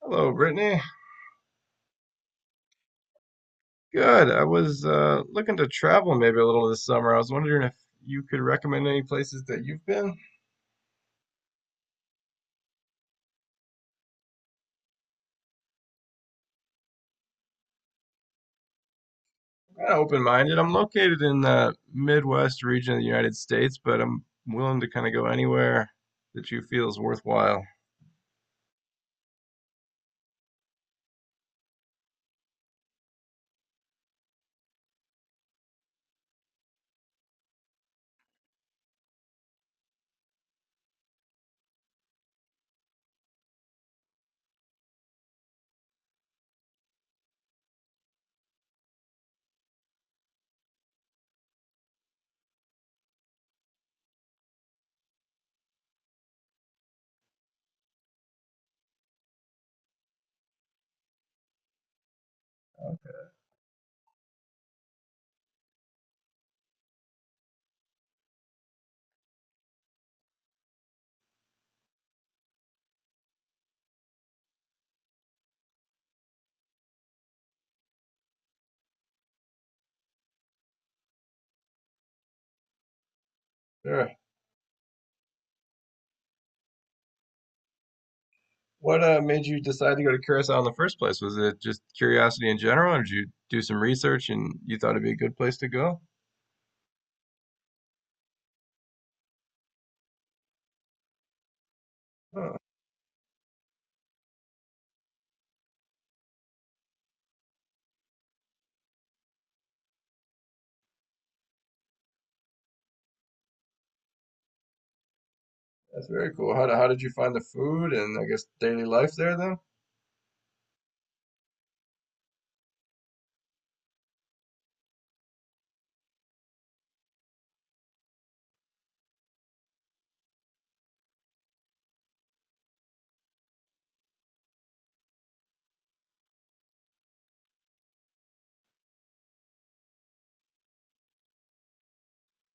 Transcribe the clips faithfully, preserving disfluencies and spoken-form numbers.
Hello, Brittany. Good. I was uh, looking to travel maybe a little this summer. I was wondering if you could recommend any places that you've been. I'm kind of open-minded. I'm located in the Midwest region of the United States, but I'm willing to kind of go anywhere that you feel is worthwhile. Sure. What uh, made you decide to go to Curacao in the first place? Was it just curiosity in general, or did you do some research and you thought it'd be a good place to go? Huh, that's very cool. How, how did you find the food and I guess daily life there then?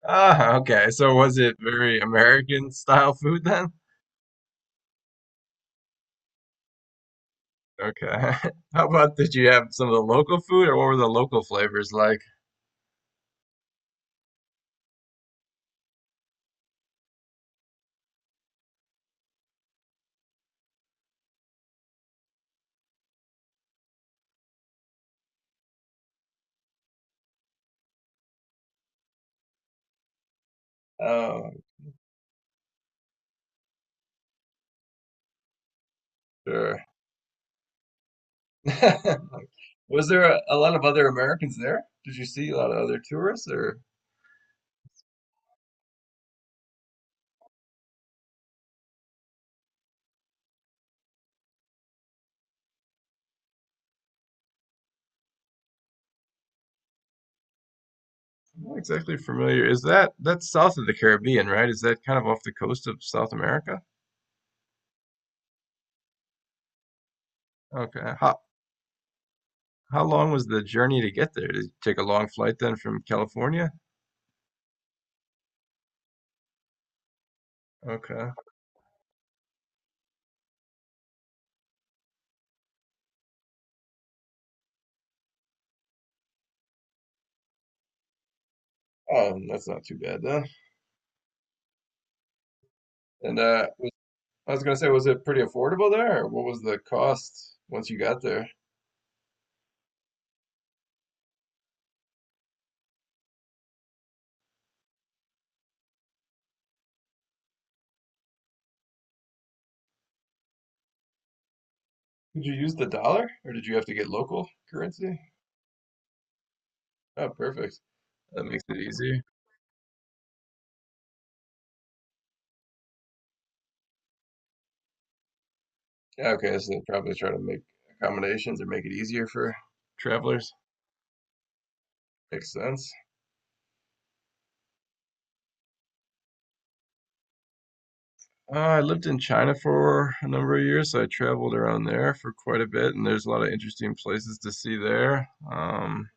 Ah, okay. So was it very American style food then? Okay. How about did you have some of the local food or what were the local flavors like? Oh, sure. Was there a, a lot of other Americans there? Did you see a lot of other tourists or I'm not exactly familiar. Is that that's south of the Caribbean, right? Is that kind of off the coast of South America? Okay. How how long was the journey to get there? Did you take a long flight then from California? Okay. Oh, that's not too bad then. And uh, I was gonna say, was it pretty affordable there, or what was the cost once you got there? Did you use the dollar, or did you have to get local currency? Oh, perfect. That makes it easier. Yeah, okay, so they probably try to make accommodations or make it easier for travelers. Makes sense. Uh, I lived in China for a number of years, so I traveled around there for quite a bit, and there's a lot of interesting places to see there. Um,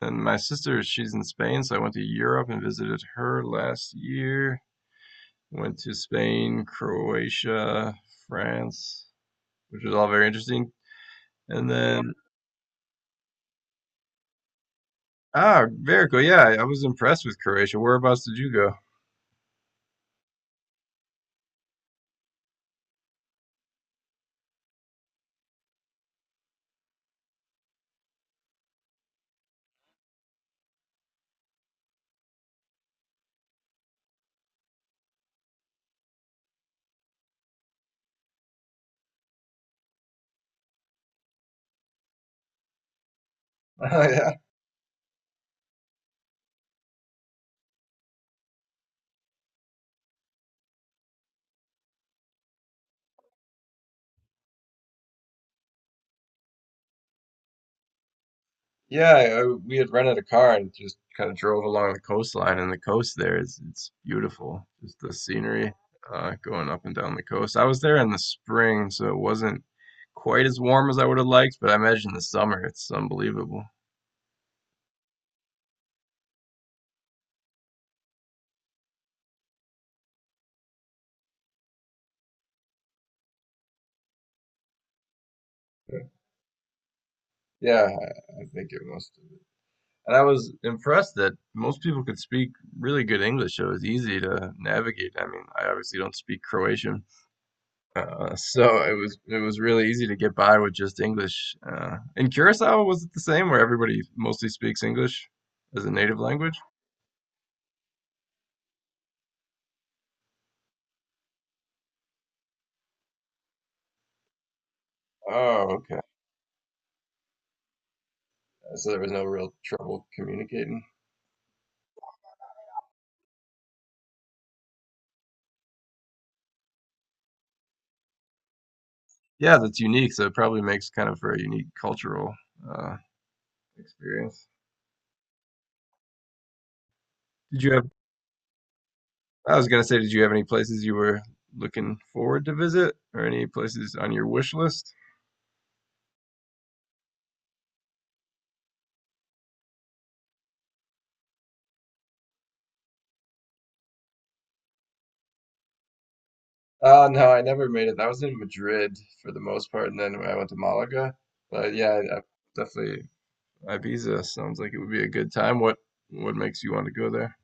And my sister, she's in Spain, so I went to Europe and visited her last year. Went to Spain, Croatia, France, which was all very interesting. And then, ah, very cool. Yeah, I was impressed with Croatia. Whereabouts did you go? Oh, yeah. Yeah, I, we had rented a car and just kind of drove along the coastline, and the coast there is it's beautiful. Just the scenery uh, going up and down the coast. I was there in the spring, so it wasn't quite as warm as I would have liked, but I imagine the summer it's unbelievable. Yeah, I I think it must And I was impressed that most people could speak really good English. So it was easy to navigate. I mean, I obviously don't speak Croatian, uh, so it was it was really easy to get by with just English. Uh, in Curacao, was it the same where everybody mostly speaks English as a native language? Oh, okay. So there was no real trouble communicating. Yeah, that's unique. So it probably makes kind of for a unique cultural uh, experience. Did you I was gonna say, did you have any places you were looking forward to visit, or any places on your wish list? Uh, no, I never made it. I was in Madrid for the most part, and then I went to Malaga. But yeah, I, I definitely Ibiza sounds like it would be a good time. What what makes you want to go there?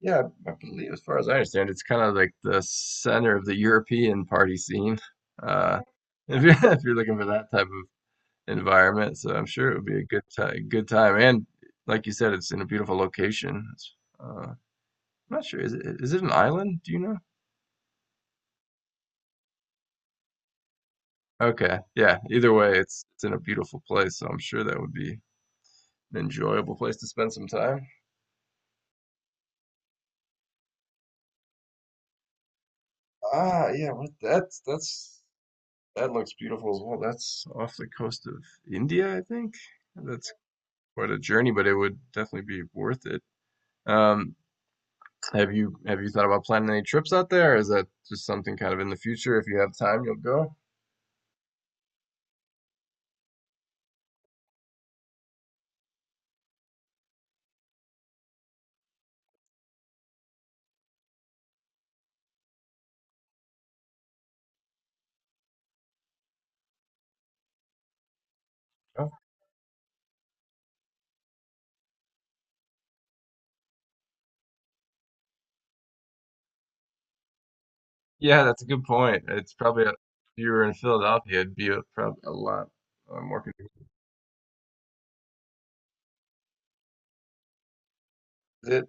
Yeah, I believe, as far as I understand, it's kind of like the center of the European party scene. Uh, if you're if you're looking for that type of environment. So I'm sure it would be a good time, good time. And like you said, it's in a beautiful location. It's, uh, I'm not sure. Is it is it an island? Do you know? Okay. Yeah. Either way, it's it's in a beautiful place. So I'm sure that would be an enjoyable place to spend some time. Ah, yeah. What that's that's that looks beautiful as well. That's off the coast of India, I think. That's quite a journey, but it would definitely be worth it. Um, Have you have you thought about planning any trips out there? Or is that just something kind of in the future? If you have time, you'll go. Oh, yeah, that's a good point. It's probably a, if you were in Philadelphia, it'd be a, probably a lot uh, more convenient. Is it?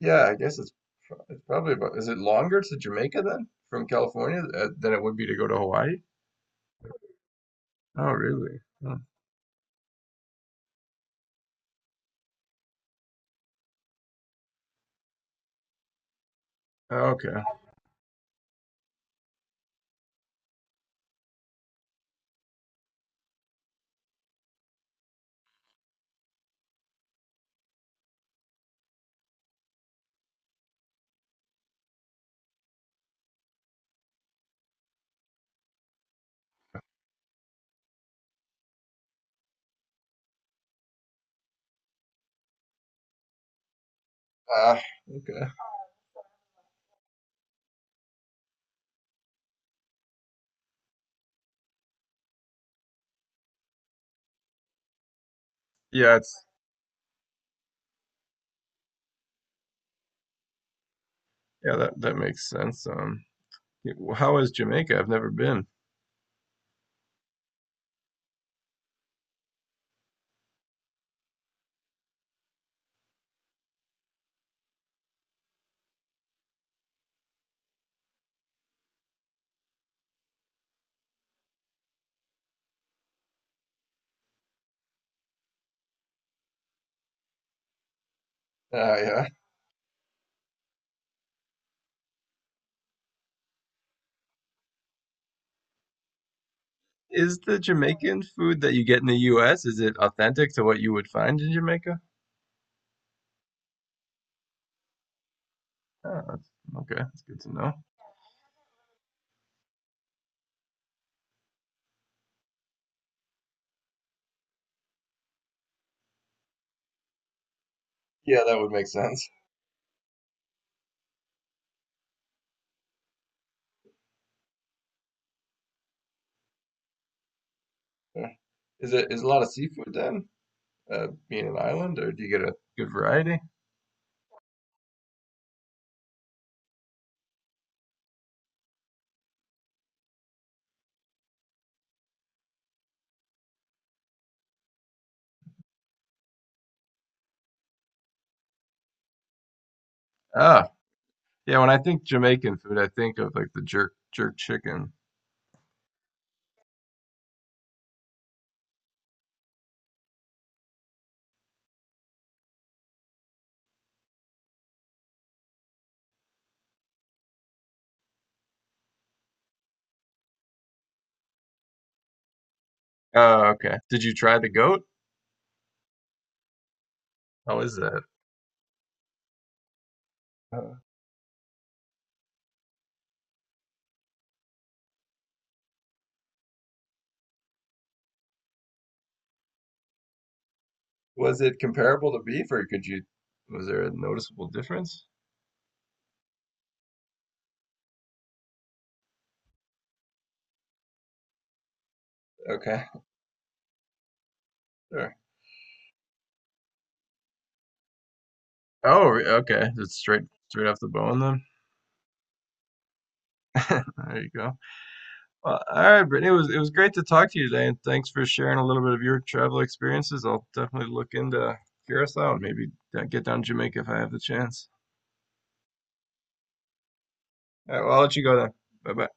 Yeah, I guess it's pro- it's probably about. Is it longer to Jamaica then from California uh, than it would be to go to Hawaii? Oh, really? Huh. Oh, okay. Ah, okay. Yeah, it's yeah that that makes sense. Um, yeah, well, how is Jamaica? I've never been. Ah, yeah. Is the Jamaican food that you get in the U S, is it authentic to what you would find in Jamaica? Oh, that's, okay, that's good to know. Yeah, that would make sense. Yeah. Is it is a lot of seafood then, uh, being an island, or do you get a good variety? Ah, yeah. When I think Jamaican food, I think of like the jerk jerk chicken. Oh, okay. Did you try the goat? How is that? Uh, was it comparable to beef, or could you? Was there a noticeable difference? Okay, sure. Oh, re- okay. It's straight straight off the bone then. There you go. Well, all right, Brittany, it was it was great to talk to you today, and thanks for sharing a little bit of your travel experiences. I'll definitely look into Curacao and maybe uh, get down to Jamaica if I have the chance. All right, well, I'll let you go then. Bye bye.